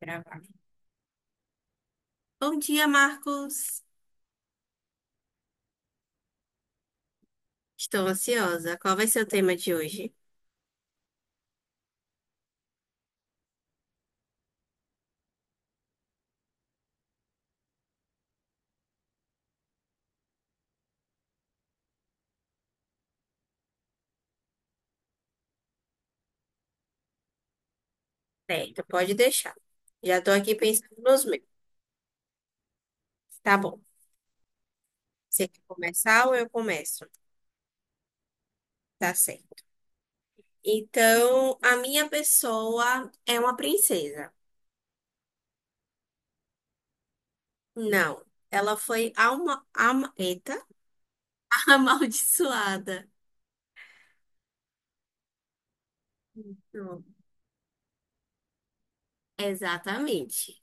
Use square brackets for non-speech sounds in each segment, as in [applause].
Gravar. Bom dia, Marcos. Estou ansiosa. Qual vai ser o tema de hoje? Certo, pode deixar. Já estou aqui pensando nos meus. Tá bom. Você quer começar ou eu começo? Tá certo. Então, a minha pessoa é uma princesa. Não, ela foi alma, ama, eita, [laughs] amaldiçoada. Isso. Exatamente.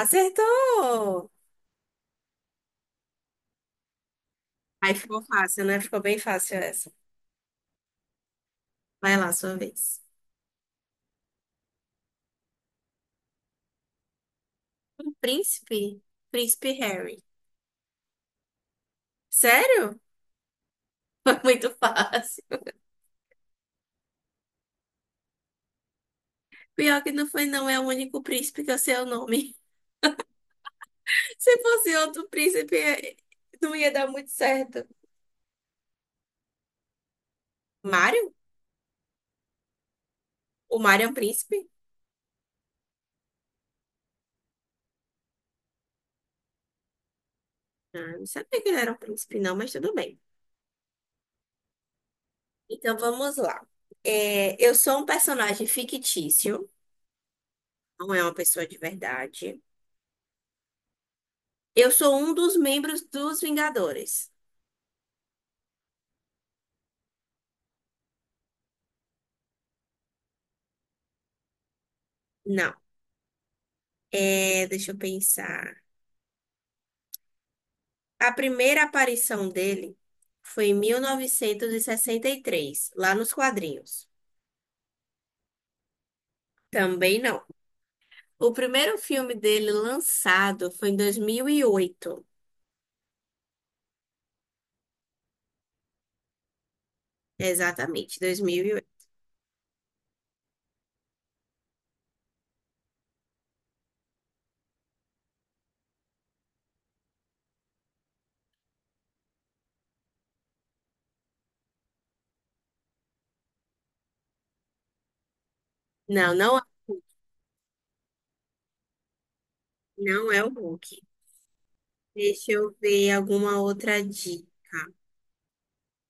Acertou! Aí ficou fácil, né? Ficou bem fácil essa. Vai lá, sua vez. Um príncipe? Príncipe Harry. Sério? [laughs] Foi muito fácil. Pior que não foi, não. É o único príncipe que eu sei o nome. [laughs] Se fosse outro príncipe, não ia dar muito certo. Mário? O Mário é um príncipe? Ah, não sabia que ele era um príncipe, não, mas tudo bem. Então vamos lá. É, eu sou um personagem fictício, não é uma pessoa de verdade. Eu sou um dos membros dos Vingadores. Não. É, deixa eu pensar. A primeira aparição dele foi em mil novecentos e sessenta e três, lá nos quadrinhos. Também não. O primeiro filme dele lançado foi em 2008. Exatamente, 2008. Não, não, não é o Hulk. Deixa eu ver alguma outra dica.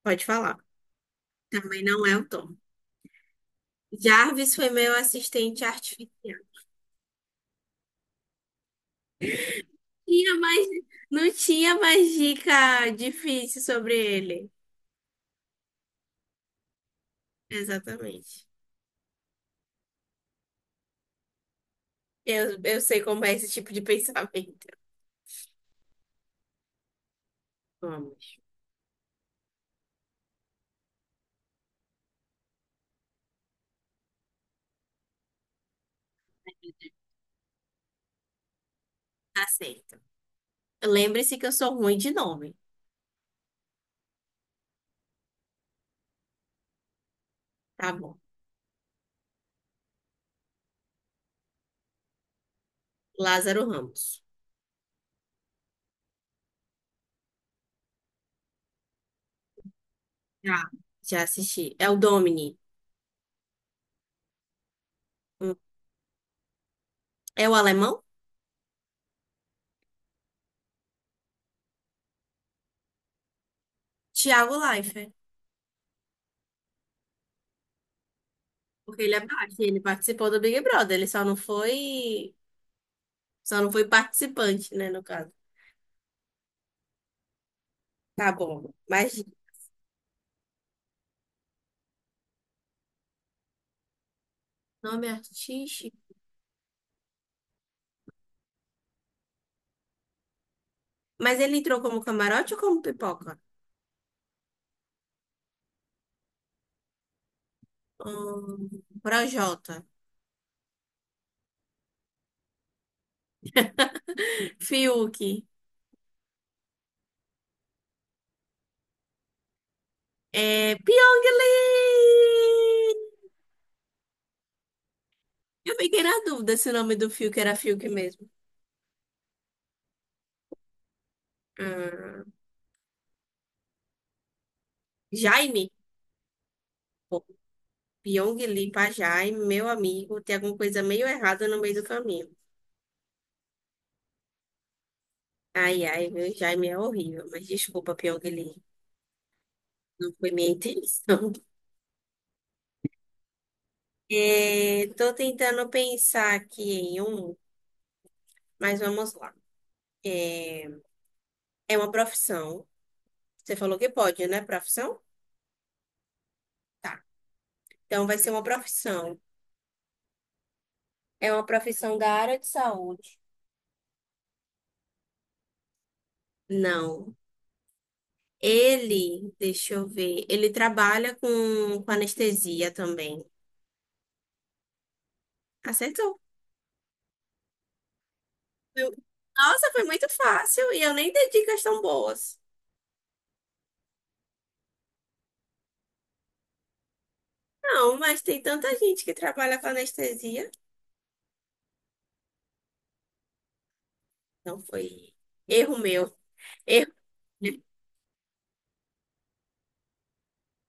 Pode falar. Também não é o Tom. Jarvis foi meu assistente artificial. Tinha mais, não tinha mais dica difícil sobre ele. Exatamente. Eu sei como é esse tipo de pensamento. Vamos. Aceito. Lembre-se que eu sou ruim de nome. Tá bom. Lázaro Ramos. Já. Já assisti. É o Domini. Hum. É o alemão? Thiago Leifert. Porque ele é baixo. E ele participou do Big Brother. Ele só não foi. Só não foi participante, né, no caso. Tá bom. Mas nome artístico. Mas ele entrou como camarote ou como pipoca? Hum, Projota. Fiuk. É Pyong Lee! Eu fiquei na dúvida se o nome do Fiuk era Fiuk mesmo. Ah, Jaime? Pô, Pyong Lee pra Jaime, meu amigo, tem alguma coisa meio errada no meio do caminho. Ai, ai, meu Jaime é horrível, mas desculpa, Pyong Lee. Não foi minha intenção. [laughs] É, tô tentando pensar aqui em um, mas vamos lá. É uma profissão. Você falou que pode, né? Profissão? Tá. Então vai ser uma profissão. É uma profissão da área de saúde. Não. Ele, deixa eu ver, ele trabalha com anestesia também. Acertou. Eu- Nossa, foi muito fácil e eu nem dei dicas tão boas. Não, mas tem tanta gente que trabalha com anestesia. Não foi erro meu. Erro.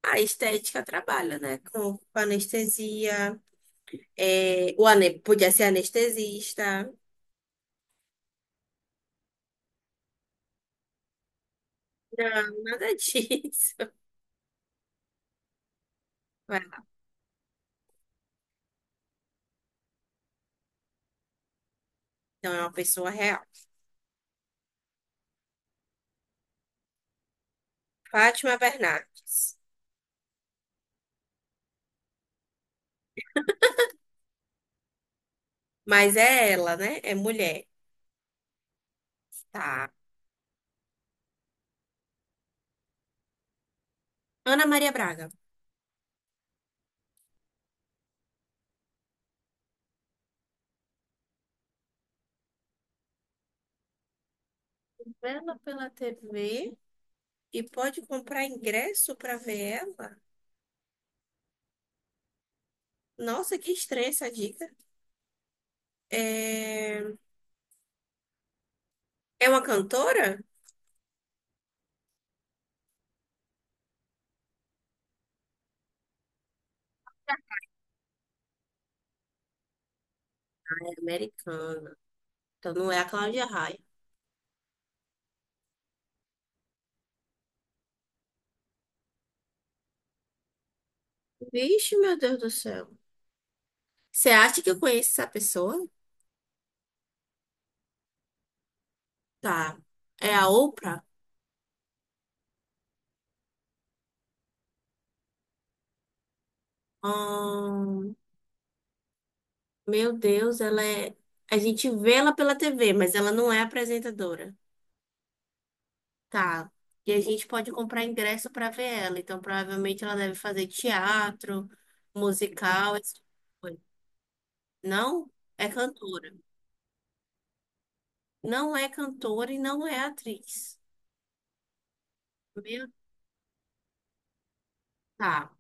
A estética trabalha, né? Com anestesia. É, o ane... Podia ser anestesista. Não, nada [laughs] disso. Vai lá. Então é uma pessoa real. Fátima Bernardes. Mas é ela, né? É mulher. Tá. Ana Maria Braga. Vendo pela TV e pode comprar ingresso para ver ela? Nossa, que estranha essa dica. É, é uma cantora? É americana. Então não é a Cláudia Raia. Vixe, meu Deus do céu. Você acha que eu conheço essa pessoa? Tá. É a Oprah? Ahn, meu Deus, ela é. A gente vê ela pela TV, mas ela não é apresentadora. Tá. E a gente pode comprar ingresso para ver ela. Então, provavelmente ela deve fazer teatro, musical, esse tipo de coisa. Não é cantora. Não é cantora e não é atriz. Meu, tá.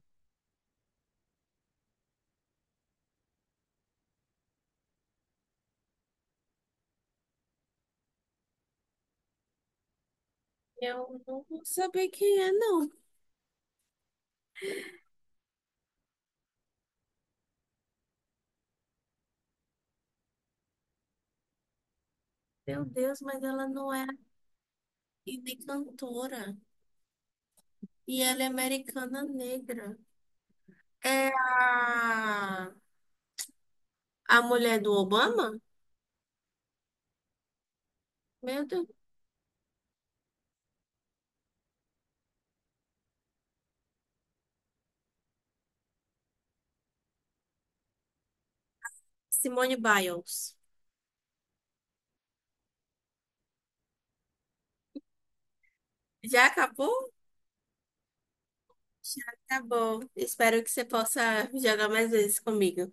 Eu não vou saber quem é, não. Meu Deus, mas ela não é e nem cantora. E ela é americana negra. É a mulher do Obama? Meu Deus. Simone Biles. Já acabou? Tá bom. Espero que você possa jogar mais vezes comigo.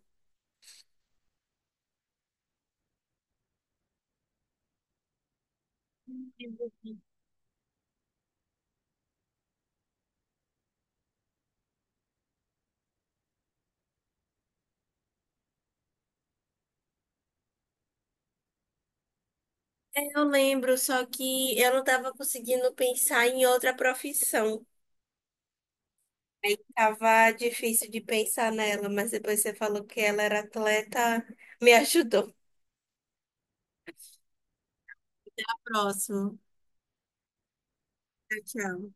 Eu lembro, só que eu não estava conseguindo pensar em outra profissão. Tava difícil de pensar nela, mas depois você falou que ela era atleta, me ajudou. Próximo. Tchau, tchau.